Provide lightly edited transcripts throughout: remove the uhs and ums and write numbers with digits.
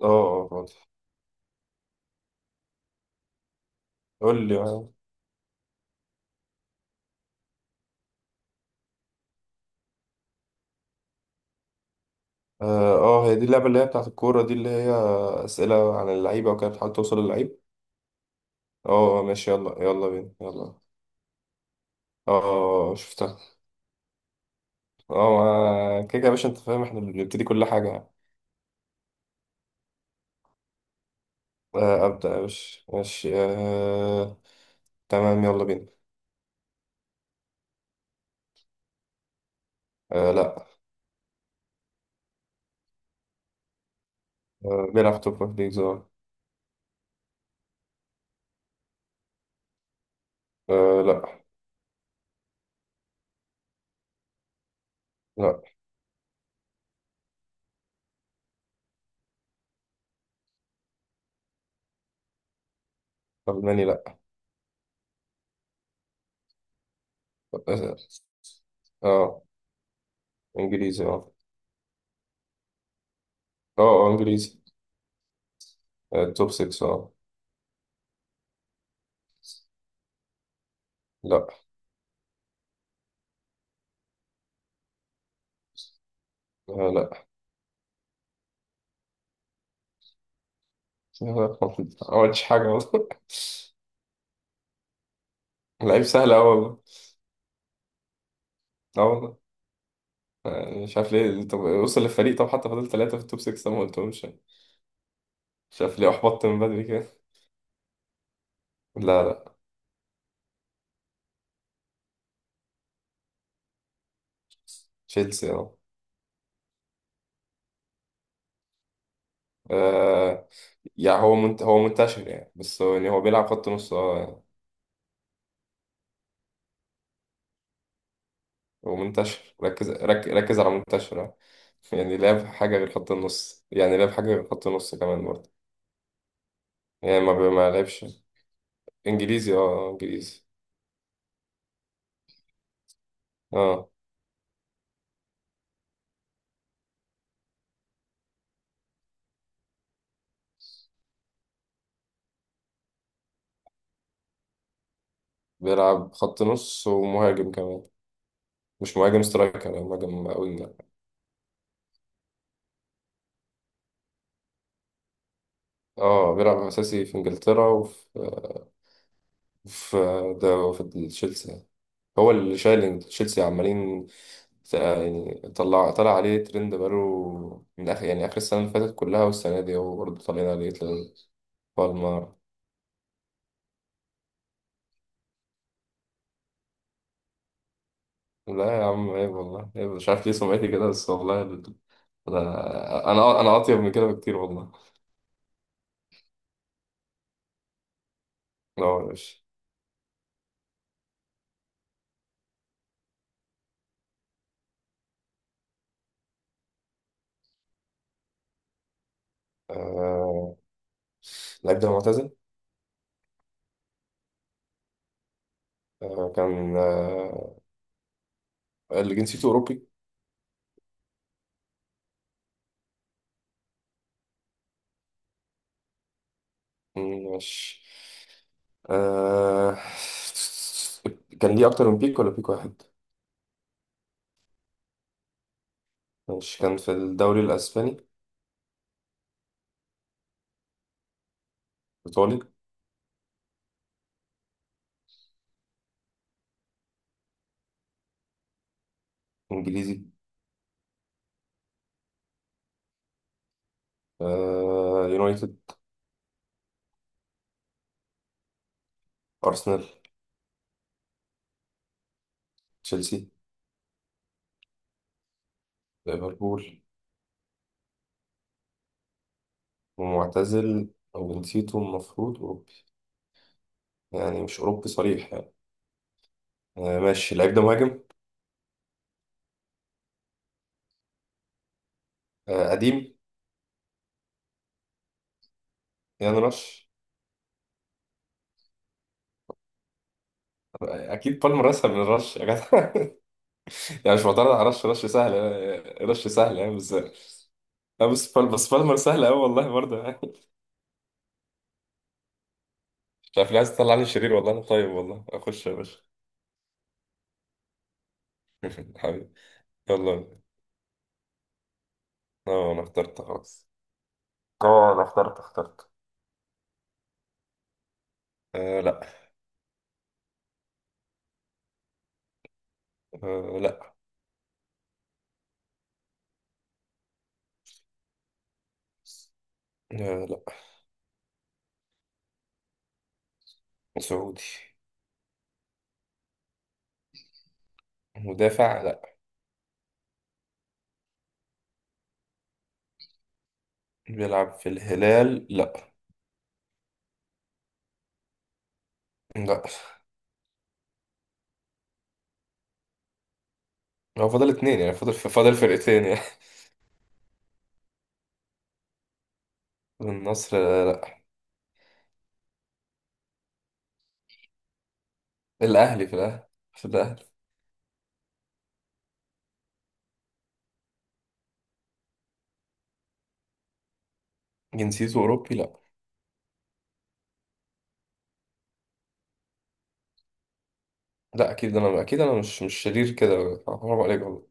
اه، فاضي. قول لي مثلا. اه هي دي اللعبة اللي هي بتاعت الكورة دي اللي هي أسئلة عن اللعيبة وكده بتحاول توصل للعيب. ماشي، يلا يلا بينا يلا اه، اه، شفتها. كده يا باشا، انت فاهم احنا اللي بنبتدي كل حاجة يعني. آه، أبدأ يا باشا ماشي آه، تمام يلا بينا. آه لا. آه بيلعب توب فايف ليجز آه، لا لا ألماني لا. اه آه، إنجليزي إنجليزي. آه، توب 6 لا. آه لا. يا نهار أبيض، ما عملتش حاجة والله. لعيب سهل أوي والله. أه والله. يعني مش عارف ليه، طب وصل للفريق، طب حتى فضل ثلاثة في التوب 6 ده ما قلتهمش يعني. مش عارف ليه أحبطت من بدري كده. لا لا تشيلسي أه. آه، يعني هو منتشر يعني، بس هو يعني هو بيلعب خط نص أه يعني. هو منتشر، ركز على منتشر أه. يعني لعب حاجة غير خط النص، يعني لعب حاجة غير خط النص كمان برضه. يعني ما لعبش. إنجليزي أه إنجليزي. أه بيلعب خط نص ومهاجم كمان. مش مهاجم سترايكر، يعني مهاجم وينج يعني. اه بيلعب اساسي في انجلترا وفي في، ده في تشيلسي. هو اللي شايل تشيلسي عمالين. يعني طلع عليه ترند، بقاله من اخر يعني اخر السنه اللي فاتت كلها، والسنه دي هو برضه طالعين عليه ترند. بالمر. لا يا عم، عيب والله عيب، مش عارف ليه سمعتي كده، بس والله ده، انا اطيب من كده بكتير والله. لا يا باشا. آه، اللعيب ده معتزل. آه، كان اللي جنسيته اوروبي. ماشي. آه... كان ليه أكتر من بيك ولا بيك واحد؟ ماشي، كان في الدوري الأسباني. إيطالي. إنجليزي. يونايتد. أرسنال. تشيلسي. ليفربول. ومعتزل، أو نسيته، المفروض أوروبي، يعني مش أوروبي صريح يعني. ماشي، اللعيب ده مهاجم. قديم. يعني رش. أكيد بالمر أسهل من رش يا جدع. يعني مش معترض على رش، رش سهل آه، رش سهل يعني، بس لا بس بالمر سهل قوي والله برضه. مش عارف ليه عايز تطلعني شرير، والله انا طيب والله، اخش يا باشا. حبيبي، يلا بينا. اه انا اخترت خلاص. اه انا اخترت. آه لا. آه لا. آه لا. سعودي. مدافع لا. بيلعب في الهلال لا لا. هو فاضل اتنين يعني، فاضل فرقتين يعني. النصر آه، لا. الاهلي، في الاهلي في الاهلي. جنسيته اوروبي لا. لا اكيد انا، اكيد انا مش شرير كده، حرام عليك والله.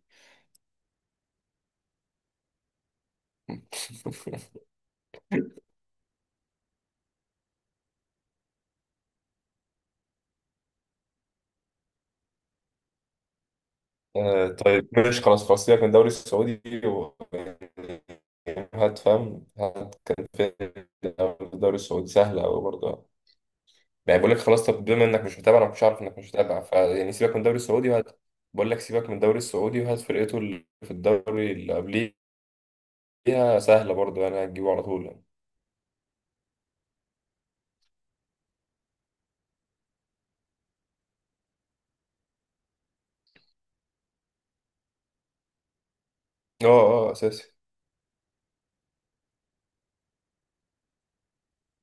آه طيب ماشي، خلاص خلاص سيبك من الدوري السعودي و... يعني هات، فاهم، هات كان في الدوري السعودي سهلة أوي برضه. يعني بقول لك خلاص، طب بما إنك مش متابع، أنا مش عارف إنك مش متابع، فيعني سيبك من الدوري السعودي وهات. بقول لك سيبك من الدوري السعودي وهات فرقته اللي في الدوري اللي قبليها، سهلة برضه يعني، هتجيبه على طول يعني. أه أه آه، أساسي.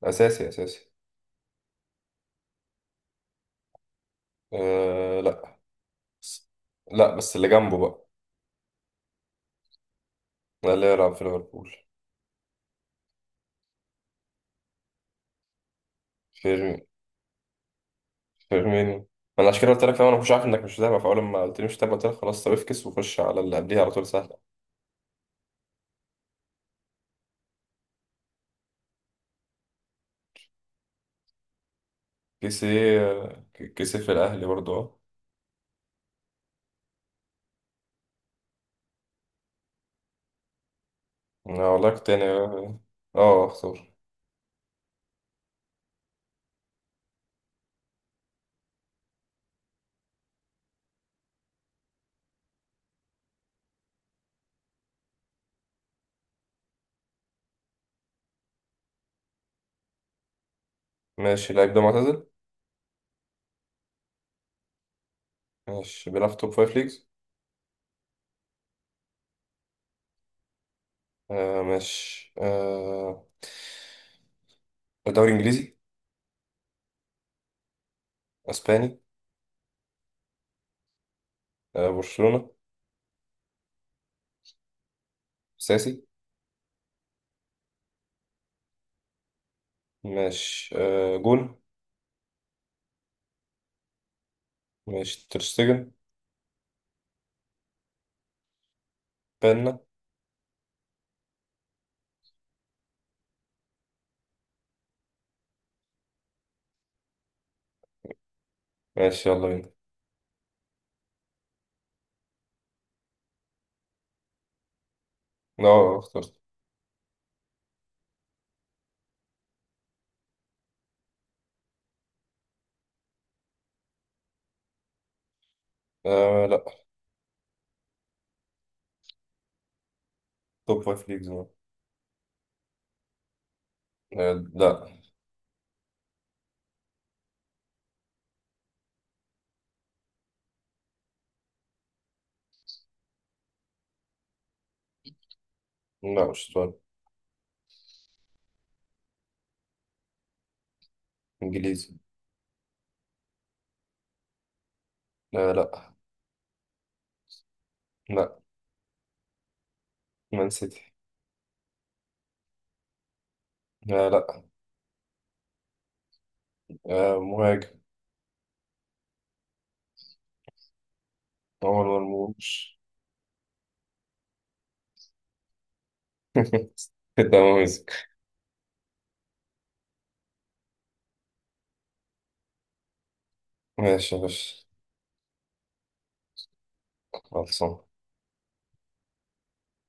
أساسي أساسي. أه لأ. لا بس اللي جنبه بقى. لا اللي يلعب في ليفربول. فيرمينو. فاهمني، انا عشان كده قلت لك فاهم، انا مش عارف انك مش متابع، فاول ما قلت لي مش متابع قلت لك خلاص، طب افكس وخش على اللي قبليها على طول، سهله. كيسي. كيسي في الاهلي برضه اه. أنا والله كنت يعني، اه اختار. ماشي، اللعيب ده معتزل. ماشي، بيلعب في توب فايف ليجز. آه ماشي آه، دوري انجليزي. اسباني. آه برشلونه. ساسي. ماشي آه، جون. ماشي، ترشتجن. بنا. ماشي يلا بينا. اه اخترت. آه لا. توب فايف ليجز آه. لا لا مش طالب. انجليزي. لا لا. لا. مان سيتي. لا. لا. آه مهاجم. عمر مرموش. ده موزك. ماشي يا باشا. خلصان.